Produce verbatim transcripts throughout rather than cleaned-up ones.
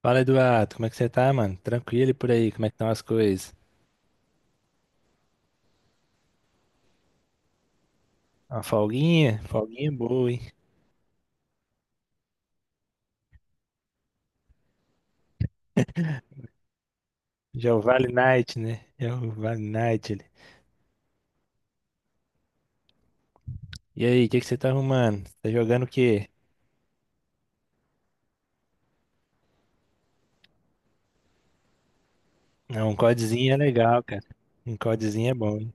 Fala, Eduardo, como é que você tá, mano? Tranquilo e por aí, como é que estão as coisas? Uma folguinha? Folguinha boa, hein? Já é o Vale Night, né? Já é o Vale Night. Ele. E aí, o que que você tá arrumando? Tá jogando o quê? Ah, um CODzinho é legal, cara. Um CODzinho é bom, hein?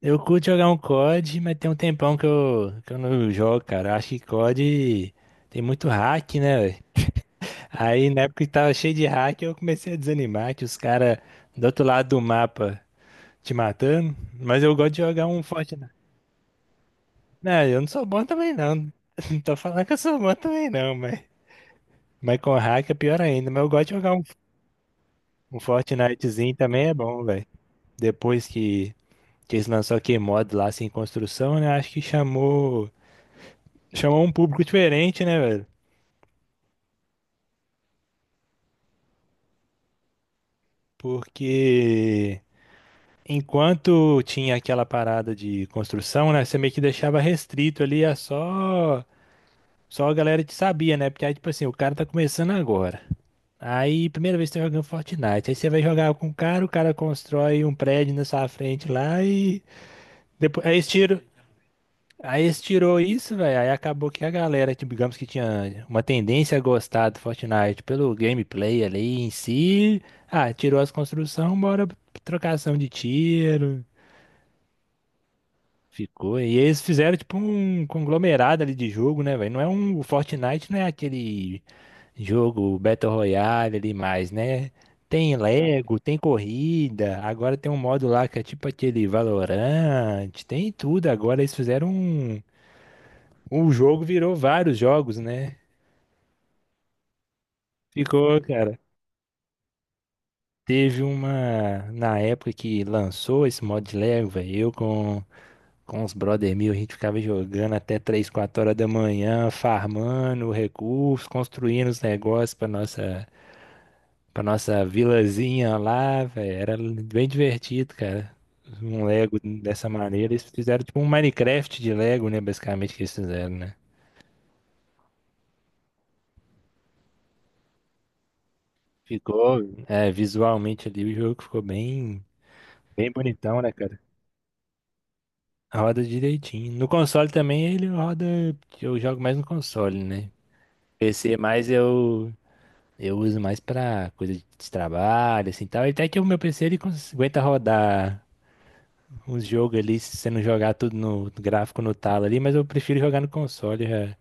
Eu curto jogar um code, mas tem um tempão que eu, que eu não jogo, cara. Eu Acho que code tem muito hack, né, velho? Aí na época que tava cheio de hack, eu comecei a desanimar que os caras do outro lado do mapa te matando. Mas eu gosto de jogar um Fortnite. Não, eu não sou bom também não. Não tô falando que eu sou bom também não, mas... Mas com hack é pior ainda. Mas eu gosto de jogar um, um Fortnitezinho também é bom, velho. Depois que, que eles lançaram aquele mod lá, sem construção, né? Acho que chamou... Chamou um público diferente, né, velho? Porque... Enquanto tinha aquela parada de construção, né? Você meio que deixava restrito ali a só... Só a galera que sabia, né? Porque aí, tipo assim, o cara tá começando agora. Aí, primeira vez que você tá jogando Fortnite. Aí você vai jogar com o cara, o cara constrói um prédio na sua frente lá e. Depois, aí eles tiram. Aí eles tirou isso, velho. Aí acabou que a galera, tipo, digamos que tinha uma tendência a gostar do Fortnite pelo gameplay ali em si. Ah, tirou as construções, bora pra trocação de tiro. Ficou. E eles fizeram, tipo, um conglomerado ali de jogo, né, velho? Não é um. O Fortnite não é aquele Jogo Battle Royale ali mais, né? Tem Lego, tem corrida, agora tem um modo lá que é tipo aquele Valorant, tem tudo. Agora eles fizeram um. O jogo virou vários jogos, né? Ficou, cara. Teve uma. Na época que lançou esse modo de Lego, velho, eu com, com os brother meu, a gente ficava jogando até três quatro horas da manhã, farmando recursos, construindo os negócios pra nossa pra nossa vilazinha lá, velho. Era bem divertido, cara. Um Lego dessa maneira. Eles fizeram tipo um Minecraft de Lego, né? Basicamente que eles fizeram, né? Ficou, é, visualmente ali o jogo ficou bem, bem bonitão, né, cara? Roda direitinho. No console também ele roda. Eu jogo mais no console, né? P C mais eu eu uso mais pra coisa de trabalho, assim, tal. Até que o meu P C ele cons- aguenta rodar uns jogos ali, se você não jogar tudo no gráfico no talo ali, mas eu prefiro jogar no console. Já.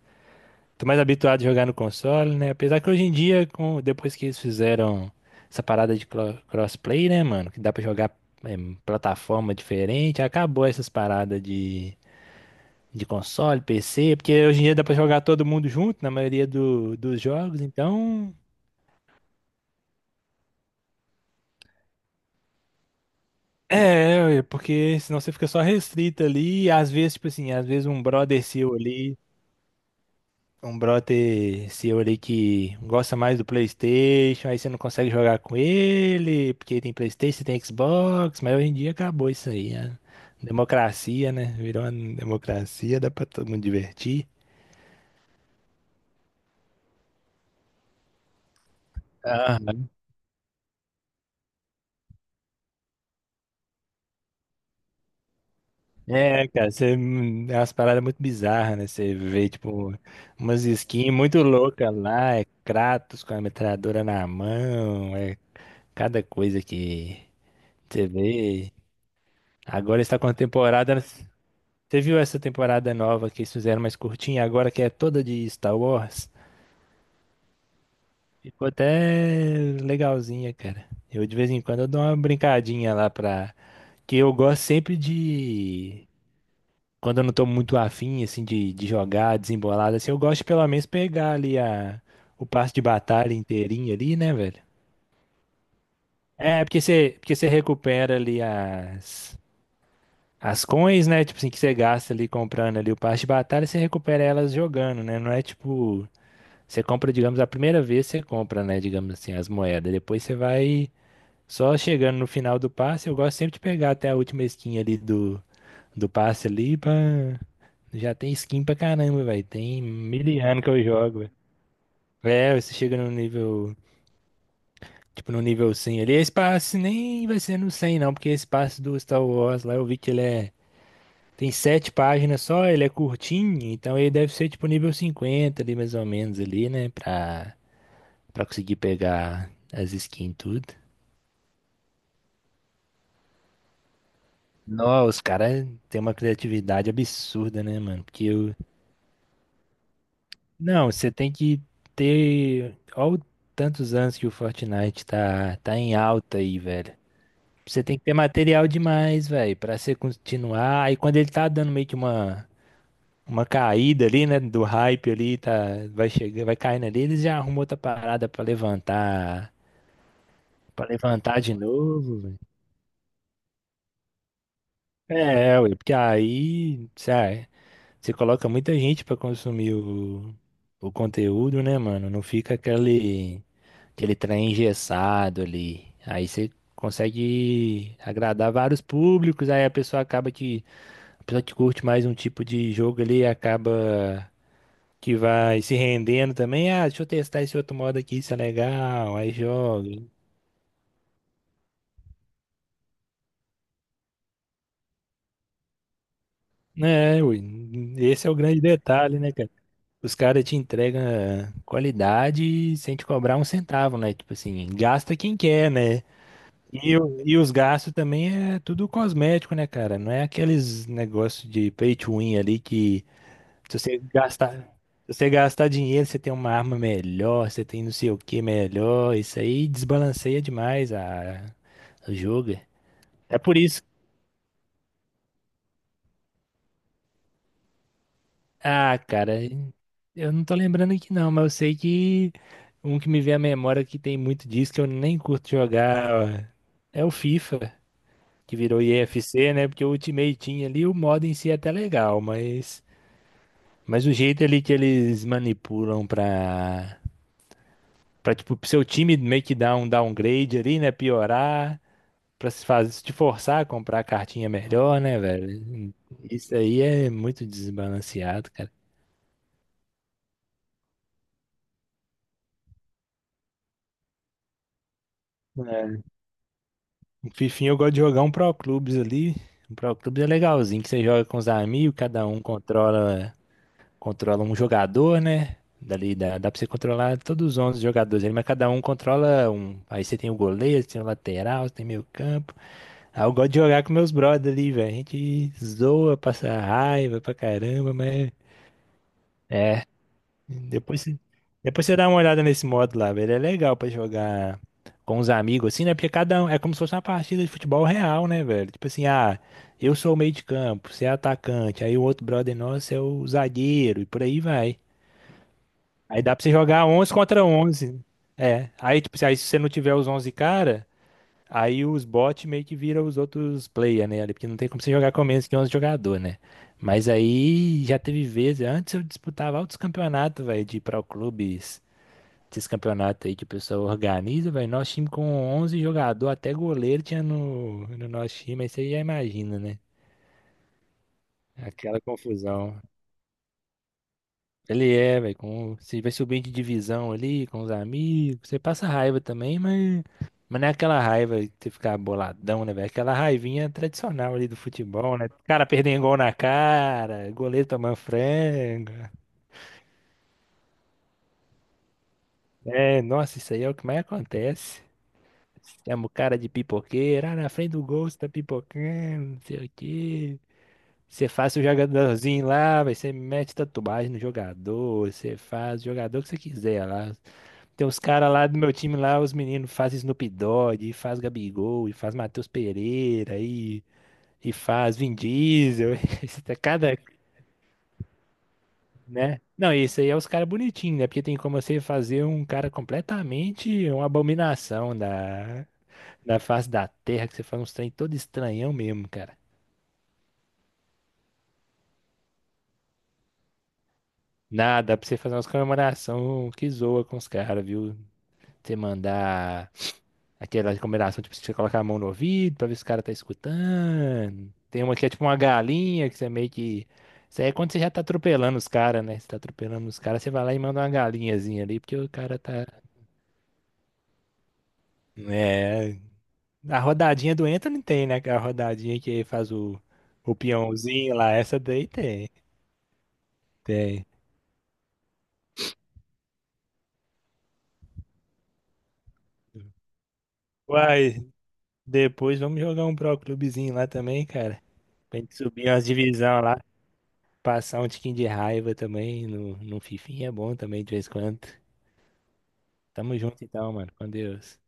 Tô mais habituado a jogar no console, né? Apesar que hoje em dia, com, depois que eles fizeram essa parada de clo- crossplay, né, mano? Que dá pra jogar em plataforma diferente, acabou essas paradas de, de console, P C, porque hoje em dia dá pra jogar todo mundo junto na maioria do, dos jogos, então. É, é, é, porque senão você fica só restrito ali, e às vezes, tipo assim, às vezes um brother seu ali. Um brother seu ali que gosta mais do PlayStation, aí você não consegue jogar com ele, porque tem PlayStation, tem Xbox, mas hoje em dia acabou isso aí. A democracia, né? Virou uma democracia, dá pra todo mundo divertir. Aham. É, cara, você, hum, é umas paradas muito bizarras, né? Você vê, tipo, umas skins muito loucas lá, é Kratos com a metralhadora na mão, é cada coisa que você vê. Agora está contemporânea, Você viu essa temporada nova que eles fizeram mais curtinha, agora que é toda de Star Wars? Ficou até legalzinha, cara. Eu de vez em quando eu dou uma brincadinha lá pra. Que eu gosto sempre de. Quando eu não tô muito afim, assim, de, de jogar, desembolado, assim, eu gosto de pelo menos pegar ali a... o passe de batalha inteirinho ali, né, velho? É, porque você, porque você recupera ali as, as coins, né? Tipo assim, que você gasta ali comprando ali o passe de batalha, você recupera elas jogando, né? Não é tipo Você compra, digamos, a primeira vez você compra, né, digamos assim, as moedas. Depois você vai só chegando no final do passe. Eu gosto sempre de pegar até a última skin ali do, do passe ali pra... Já tem skin pra caramba, velho. Tem mil e ano que eu jogo, velho. É, você chega no nível, tipo, no nível cem ali. Esse passe nem vai ser no cem não, porque esse passe do Star Wars lá eu vi que ele é... Tem sete páginas só, ele é curtinho, então ele deve ser tipo nível cinquenta ali, mais ou menos, ali, né, pra... Pra conseguir pegar as skins e tudo. Nossa, os caras têm uma criatividade absurda, né, mano? Porque eu... Não, você tem que ter... Olha tantos anos que o Fortnite tá, tá em alta aí, velho. Você tem que ter material demais, velho, pra você continuar. Aí quando ele tá dando meio que uma, uma caída ali, né, do hype ali, tá, vai chegando, vai caindo ali, eles já arrumam outra parada pra levantar, Pra levantar de novo, velho. É, ué, porque aí, sabe, Você coloca muita gente pra consumir o, o conteúdo, né, mano? Não fica aquele, aquele trem engessado ali. Aí você consegue agradar vários públicos, aí a pessoa acaba que, a pessoa que curte mais um tipo de jogo ali, acaba que vai se rendendo também. Ah, deixa eu testar esse outro modo aqui, isso é legal. Aí joga. É, ui, esse é o grande detalhe, né, Os caras te entregam qualidade sem te cobrar um centavo, né? Tipo assim, gasta quem quer, né? E, o- e os gastos também é tudo cosmético, né, cara? Não é aqueles negócios de pay to win ali que se você gastar, se você gastar dinheiro, você tem uma arma melhor, você tem não sei o que melhor. Isso aí desbalanceia demais a, a jogo. É por isso Ah, cara, eu não tô lembrando aqui não, mas eu sei que um que me vem à memória que tem muito disso, que eu nem curto jogar, é o FIFA, que virou I F C, né? Porque o Ultimate Team ali, o modo em si é até legal, mas, mas o jeito ali que eles manipulam pra, pra tipo, pro seu time meio que dar um downgrade ali, né? Piorar, pra se fazer, se te forçar a comprar a cartinha melhor, né, velho? Isso aí é muito desbalanceado, cara. O Fifinha eu gosto de jogar um Pro Clubes ali. Um Pro Clubes é legalzinho, que você joga com os amigos, cada um controla, controla um jogador, né? Dali dá, dá pra você controlar todos os onze jogadores ali, mas cada um controla um. Aí você tem o goleiro, você tem o lateral, você tem meio campo. Aí eu gosto de jogar com meus brothers ali, velho. A gente zoa, passa raiva pra caramba, mas depois, você- depois você dá uma olhada nesse modo lá, velho. É legal pra jogar com os amigos, assim, né? Porque cada um é como se fosse uma partida de futebol real, né, velho? Tipo assim, ah, eu sou o meio de campo, você é atacante, aí o outro brother nosso é o zagueiro, e por aí vai. Aí dá pra você jogar onze contra onze É. Aí, tipo assim, aí se você não tiver os onze cara, aí os bots meio que viram os outros player, né? ali Porque não tem como você jogar com menos que onze jogador, né? Mas aí já teve vezes, antes eu disputava altos campeonatos, velho, de pro clubes esses campeonatos aí que o pessoal organiza, velho. Nosso time com onze jogador, até goleiro tinha no, no nosso time, aí você já imagina, né? Aquela confusão. Ele é, velho, com você vai subindo de divisão ali com os amigos, você passa raiva também, mas mas não é aquela raiva que você ficar boladão, né, velho? É Aquela raivinha tradicional ali do futebol, né? Cara perdendo gol na cara, goleiro tomando frango. É, nossa, isso aí é o que mais acontece. Chama o cara de pipoqueiro. Ah, na frente do gol você tá pipocando, não sei o quê. Você faz o jogadorzinho lá, vai, você mete tatuagem no jogador, você faz o jogador que você quiser lá. Tem os caras lá do meu time lá, os meninos fazem Snoop Dogg, e faz Gabigol, e faz Matheus Pereira, e, e faz Vin Diesel. Isso tá Cada, né? Não, isso aí é os caras bonitinhos, né? Porque tem como você fazer um cara completamente uma abominação da, Na face da terra que você faz uns trem todo estranhão mesmo, cara. Nada, dá pra você fazer umas comemoração que zoa com os caras, viu? Você mandar aquela comemoração, tipo, você colocar a mão no ouvido pra ver se o cara tá escutando. Tem uma que é tipo uma galinha, que você meio que. Isso aí é quando você já tá atropelando os caras, né? Você tá atropelando os caras, você vai lá e manda uma galinhazinha ali, porque o cara tá. É. A rodadinha do entra não tem, né? A rodadinha que faz o, o peãozinho lá, essa daí tem. Tem. Uai, Depois vamos jogar um Pro Clubezinho lá também, cara. Pra gente subir umas divisão lá, passar um tiquinho de raiva também no, no Fifinha é bom também de vez em quando. Tamo junto então, mano. Com Deus.